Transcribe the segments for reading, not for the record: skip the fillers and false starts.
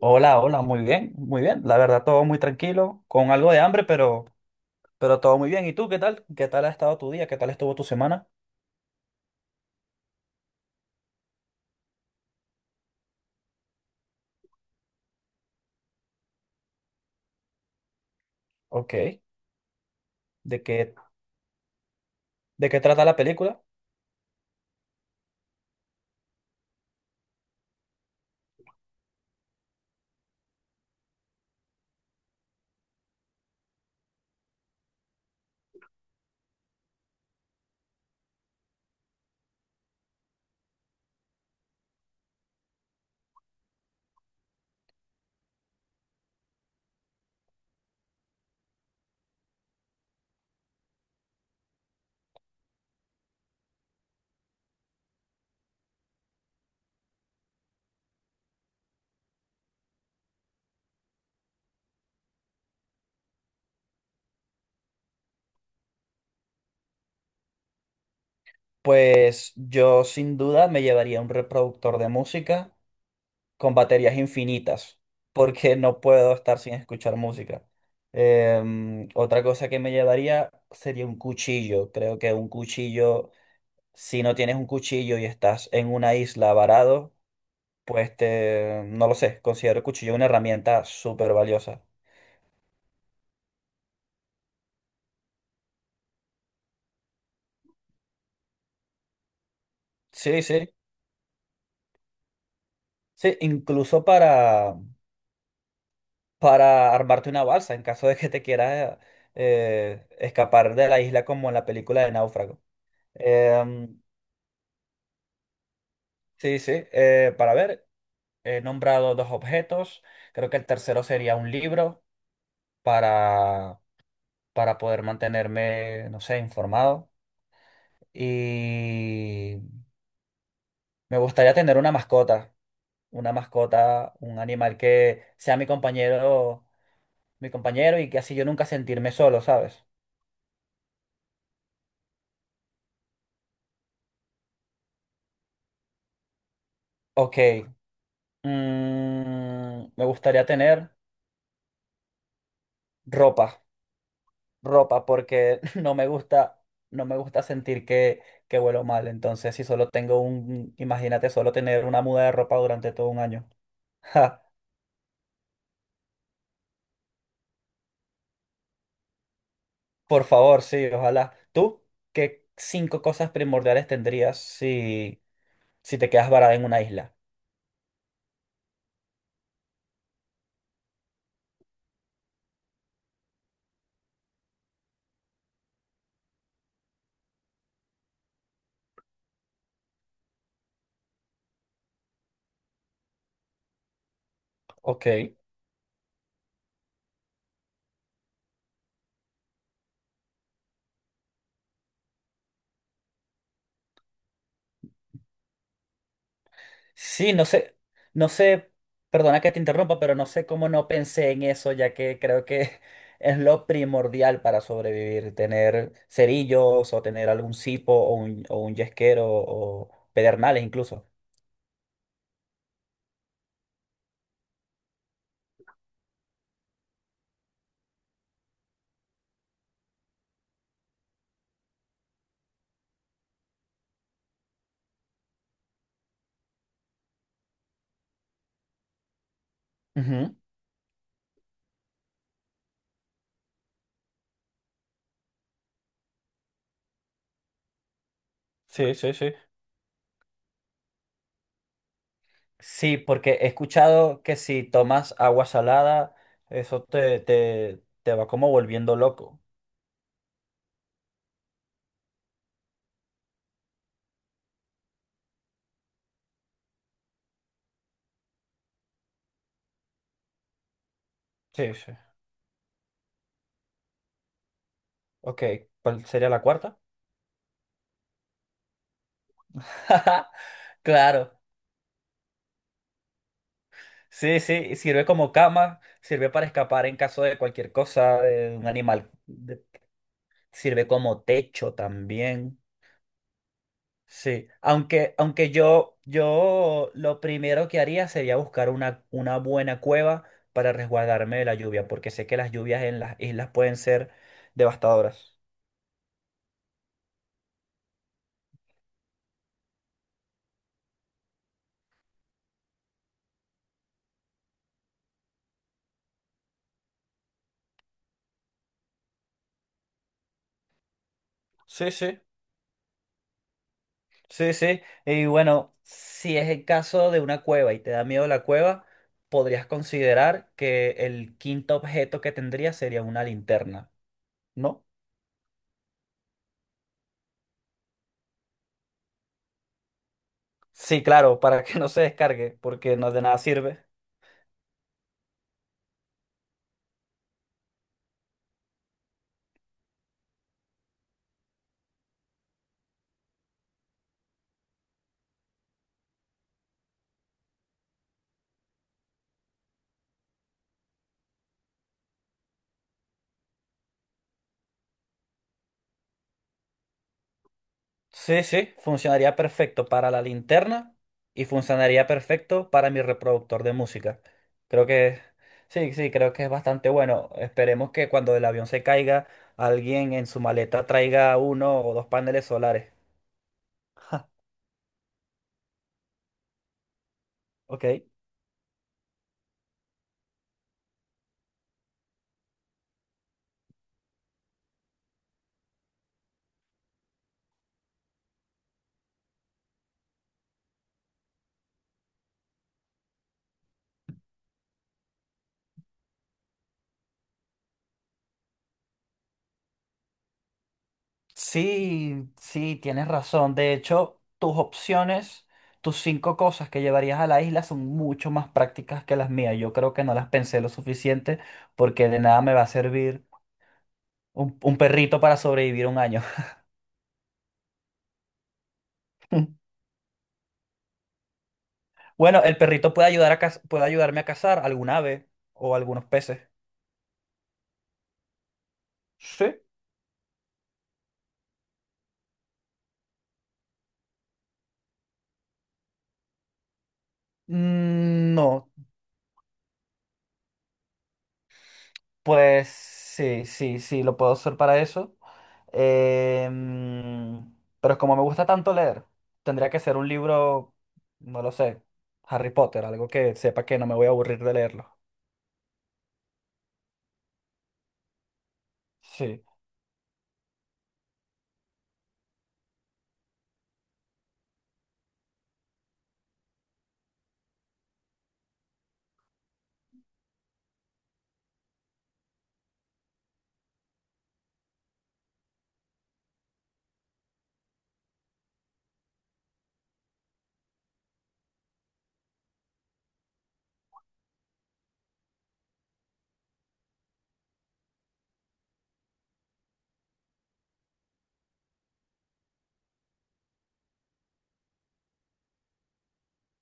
Hola, hola, muy bien, muy bien. La verdad, todo muy tranquilo, con algo de hambre, pero todo muy bien. ¿Y tú qué tal? ¿Qué tal ha estado tu día? ¿Qué tal estuvo tu semana? Ok. ¿De qué, ¿De qué trata la película? Pues yo sin duda me llevaría un reproductor de música con baterías infinitas, porque no puedo estar sin escuchar música. Otra cosa que me llevaría sería un cuchillo. Creo que un cuchillo, si no tienes un cuchillo y estás en una isla varado, pues te, no lo sé, considero el cuchillo una herramienta súper valiosa. Sí, sí, sí, incluso para armarte una balsa en caso de que te quieras escapar de la isla como en la película de Náufrago. Em, sí, sí, para ver, he nombrado dos objetos, creo que el tercero sería un libro para, para poder mantenerme, no sé, informado. Y me gustaría tener una mascota. Una mascota, un animal que sea mi compañero y que así yo nunca sentirme solo, ¿sabes? Ok, me gustaría tener ropa, ropa, porque no me gusta, no me gusta sentir que huelo mal. Entonces, si solo tengo un, imagínate solo tener una muda de ropa durante todo un año. Ja, por favor, sí, ojalá. ¿Tú qué cinco cosas primordiales tendrías si te quedas varada en una isla? Ok. Sí, no sé, no sé, perdona que te interrumpa, pero no sé cómo no pensé en eso, ya que creo que es lo primordial para sobrevivir, tener cerillos o tener algún cipo o un yesquero o pedernales incluso. Ujú. Sí, sí, sí. Sí, porque he escuchado que si tomas agua salada, eso te va como volviendo loco. Sí, sí. Ok, ¿cuál sería la cuarta? Claro. Sí, sí, sirve como cama, sirve para escapar en caso de cualquier cosa, de un animal, de- sirve como techo también. Sí, aunque yo lo primero que haría sería buscar una buena cueva para resguardarme de la lluvia, porque sé que las lluvias en las islas pueden ser devastadoras. Sí, sí. Sí, sí. Y bueno, si es el caso de una cueva y te da miedo la cueva, podrías considerar que el quinto objeto que tendría sería una linterna, ¿no? Sí, claro, para que no se descargue, porque no de nada sirve. Sí, sí, funcionaría perfecto para la linterna y funcionaría perfecto para mi reproductor de música. Creo que, sí, sí, creo que es bastante bueno. Esperemos que cuando el avión se caiga, alguien en su maleta traiga uno o dos paneles solares. Ja, ok. Sí, sí, tienes razón. De hecho, tus opciones, tus cinco cosas que llevarías a la isla son mucho más prácticas que las mías. Yo creo que no las pensé lo suficiente porque de nada me va a servir un perrito para sobrevivir un año. Bueno, el perrito puede ayudar a caz- puede ayudarme a cazar algún ave o algunos peces. Sí. Mm, no, pues sí, sí, sí, lo puedo usar para eso. Em, pero como me gusta tanto leer, tendría que ser un libro, no lo sé, Harry Potter, algo que sepa que no me voy a aburrir de leerlo. Sí.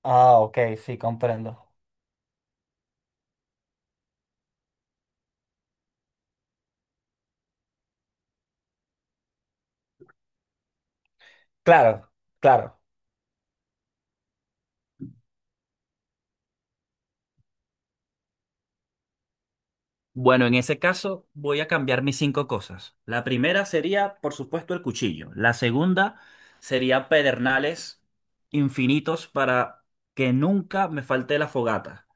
Ah, ok, sí, comprendo. Claro, claro. Bueno, en ese caso voy a cambiar mis cinco cosas. La primera sería, por supuesto, el cuchillo. La segunda sería pedernales infinitos para que nunca me falte la fogata.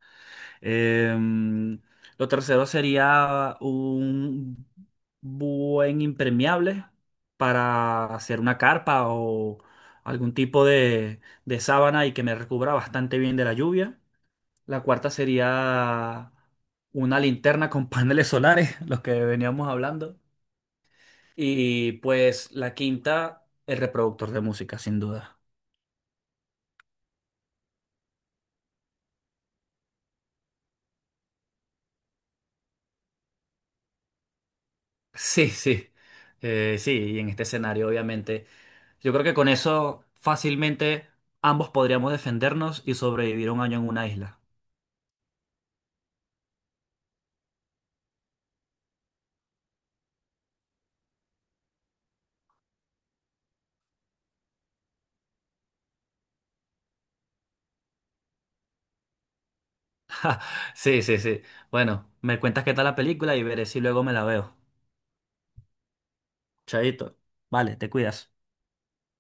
Em, lo tercero sería un buen impermeable para hacer una carpa o algún tipo de sábana y que me recubra bastante bien de la lluvia. La cuarta sería una linterna con paneles solares, los que veníamos hablando. Y pues la quinta, el reproductor de música, sin duda. Sí, sí, sí, y en este escenario obviamente, yo creo que con eso fácilmente ambos podríamos defendernos y sobrevivir un año en una isla. Sí, sí, sí. Bueno, me cuentas qué tal la película y veré si luego me la veo. Chaito. Vale, te cuidas.